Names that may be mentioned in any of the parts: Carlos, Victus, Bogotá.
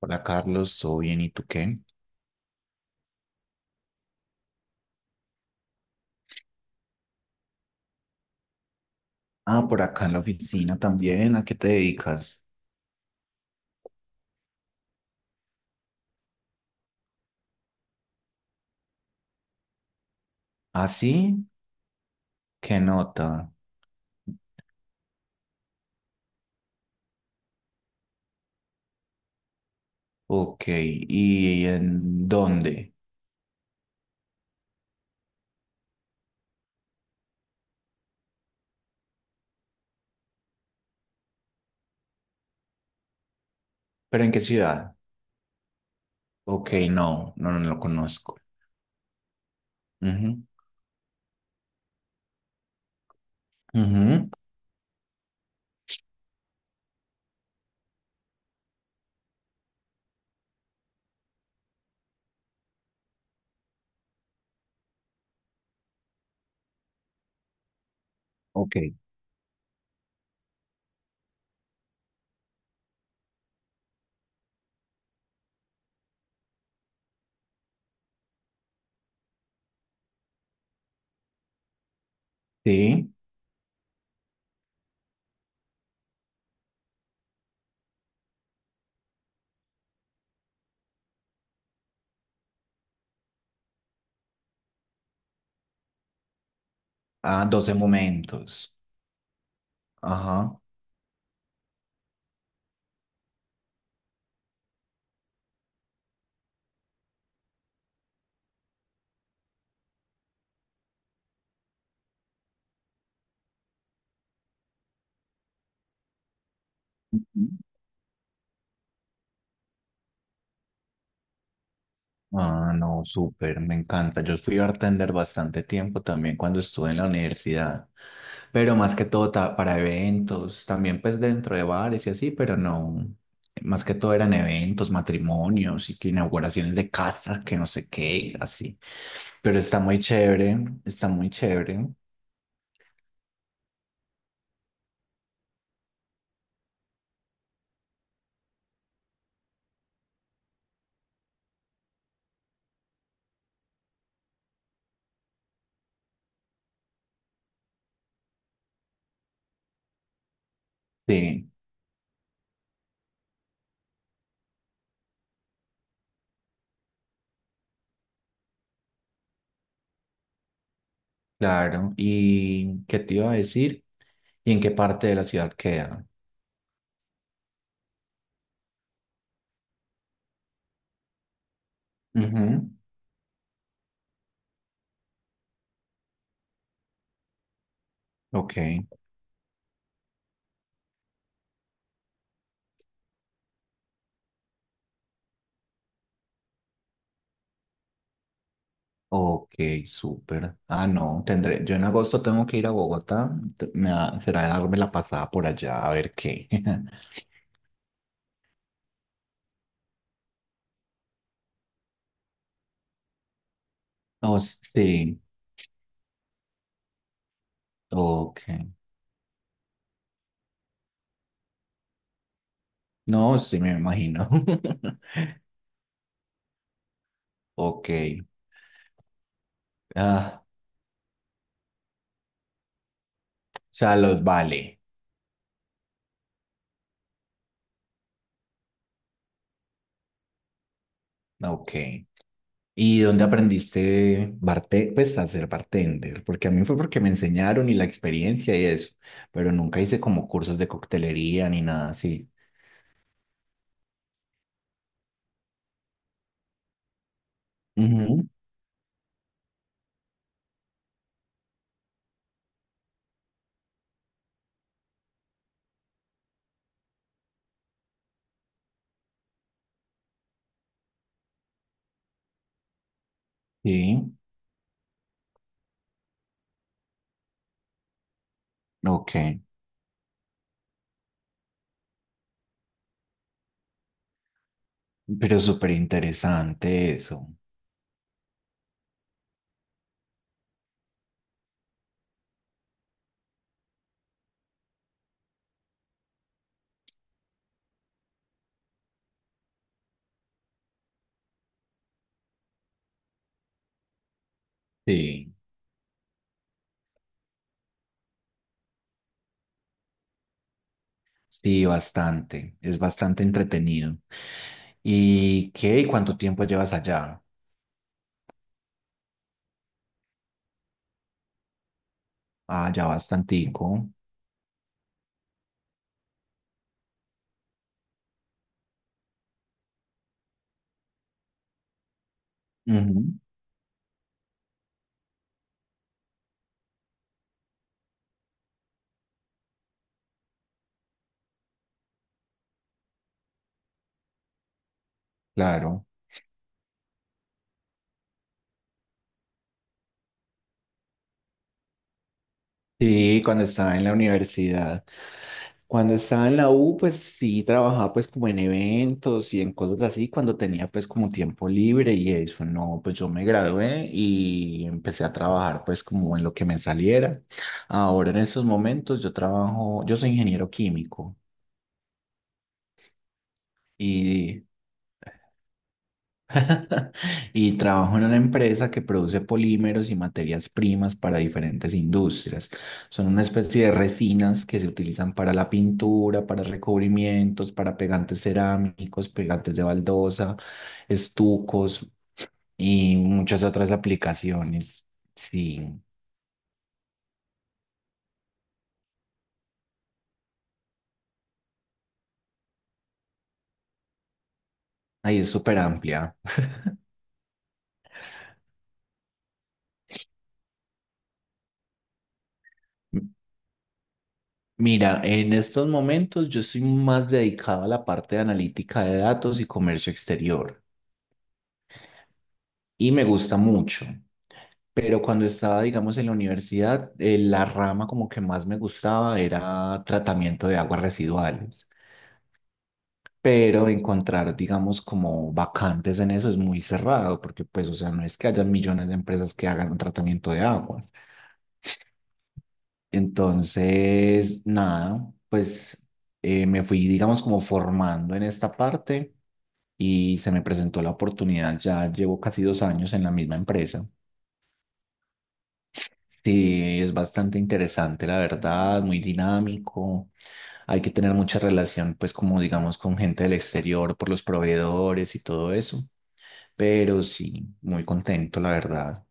Hola Carlos, ¿todo bien? ¿Y tú qué? Ah, por acá en la oficina también. ¿A qué te dedicas? ¿Ah, sí? ¿Qué nota? Ok, ¿y en dónde? ¿Pero en qué ciudad? Ok, no, no, no lo conozco. Ujú, ujú, Ok, sí. Ah, 12 momentos. Ajá. Ah, no, súper, me encanta. Yo fui bartender bastante tiempo también cuando estuve en la universidad. Pero más que todo para eventos, también pues dentro de bares y así, pero no, más que todo eran eventos, matrimonios y que inauguraciones de casa, que no sé qué, así. Pero está muy chévere, está muy chévere. Sí, claro. ¿Y qué te iba a decir? ¿Y en qué parte de la ciudad queda? Ujú, Ok, ok, súper. Ah, no, tendré, yo en agosto tengo que ir a Bogotá, será darme la pasada por allá a ver qué. Oh, sí. Ok. No, sí me imagino. Ok. Ah, o sea, los vale. Ok. ¿Y dónde aprendiste barte pues a ser bartender? Porque a mí fue porque me enseñaron y la experiencia y eso, pero nunca hice como cursos de coctelería ni nada así. Ujú, Sí, ok. Pero súper interesante eso. Sí. Sí, bastante. Es bastante entretenido. ¿Y qué? ¿Y cuánto tiempo llevas allá? Ah, ya bastantico. Ujú, Claro. Sí, cuando estaba en la universidad. Cuando estaba en la U, pues sí trabajaba pues como en eventos y en cosas así, cuando tenía pues como tiempo libre y eso, no, pues yo me gradué y empecé a trabajar pues como en lo que me saliera. Ahora en estos momentos yo trabajo, yo soy ingeniero químico y y trabajo en una empresa que produce polímeros y materias primas para diferentes industrias. Son una especie de resinas que se utilizan para la pintura, para recubrimientos, para pegantes cerámicos, pegantes de baldosa, estucos y muchas otras aplicaciones. Sí, ahí es súper amplia. Mira, en estos momentos yo soy más dedicado a la parte de analítica de datos y comercio exterior y me gusta mucho. Pero cuando estaba, digamos, en la universidad, la rama como que más me gustaba era tratamiento de aguas residuales. Pero encontrar, digamos, como vacantes en eso es muy cerrado, porque pues, o sea, no es que haya millones de empresas que hagan un tratamiento de agua. Entonces, nada, pues me fui, digamos, como formando en esta parte y se me presentó la oportunidad. Ya llevo casi 2 años en la misma empresa. Sí, es bastante interesante, la verdad, muy dinámico. Hay que tener mucha relación, pues como digamos, con gente del exterior por los proveedores y todo eso. Pero sí, muy contento, la verdad.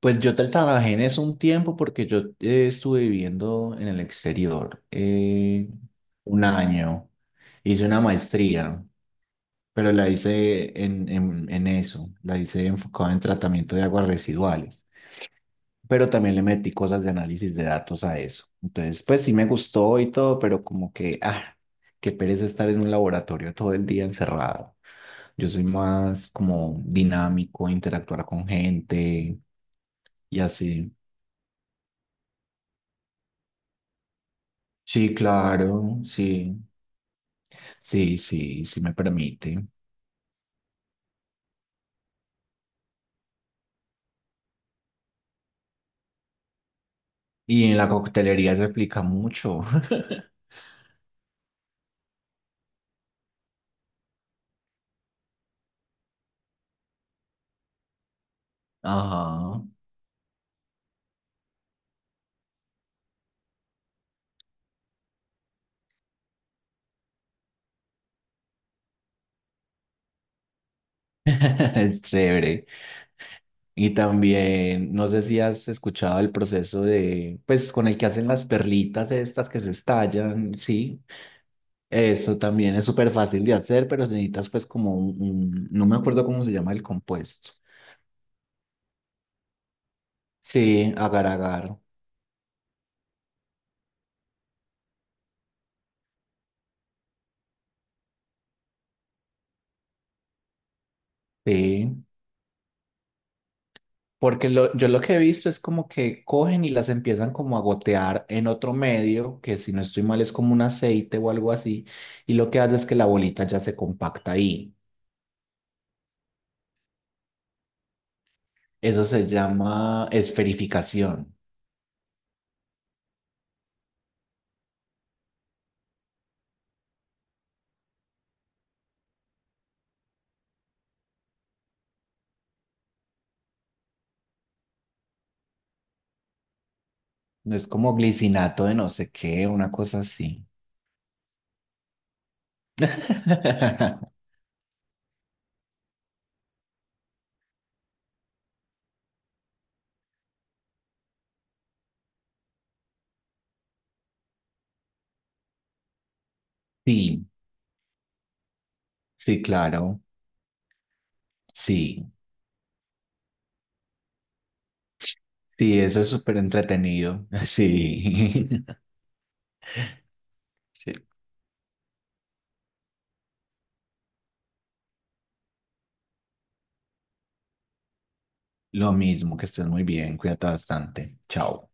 Pues yo trabajé en eso un tiempo porque yo estuve viviendo en el exterior 1 año. Hice una maestría, pero la hice en eso. La hice enfocada en tratamiento de aguas residuales. Pero también le metí cosas de análisis de datos a eso. Entonces, pues sí me gustó y todo, pero como que, ah, qué pereza estar en un laboratorio todo el día encerrado. Yo soy más como dinámico, interactuar con gente y así. Sí, claro, sí, sí, sí, sí me permite. Y en la coctelería se aplica mucho. Ajá, es chévere. Y también, no sé si has escuchado el proceso de, pues con el que hacen las perlitas estas que se estallan, sí. Eso también es súper fácil de hacer, pero necesitas pues como un, no me acuerdo cómo se llama el compuesto. Sí, agar agar, sí. Porque lo, yo lo que he visto es como que cogen y las empiezan como a gotear en otro medio, que si no estoy mal es como un aceite o algo así, y lo que hace es que la bolita ya se compacta ahí. Eso se llama esferificación. No es como glicinato de no sé qué, una cosa así. Sí, sí, claro. Sí, sí, eso es súper entretenido. Sí. Sí. Lo mismo, que estés muy bien, cuídate bastante. Chao.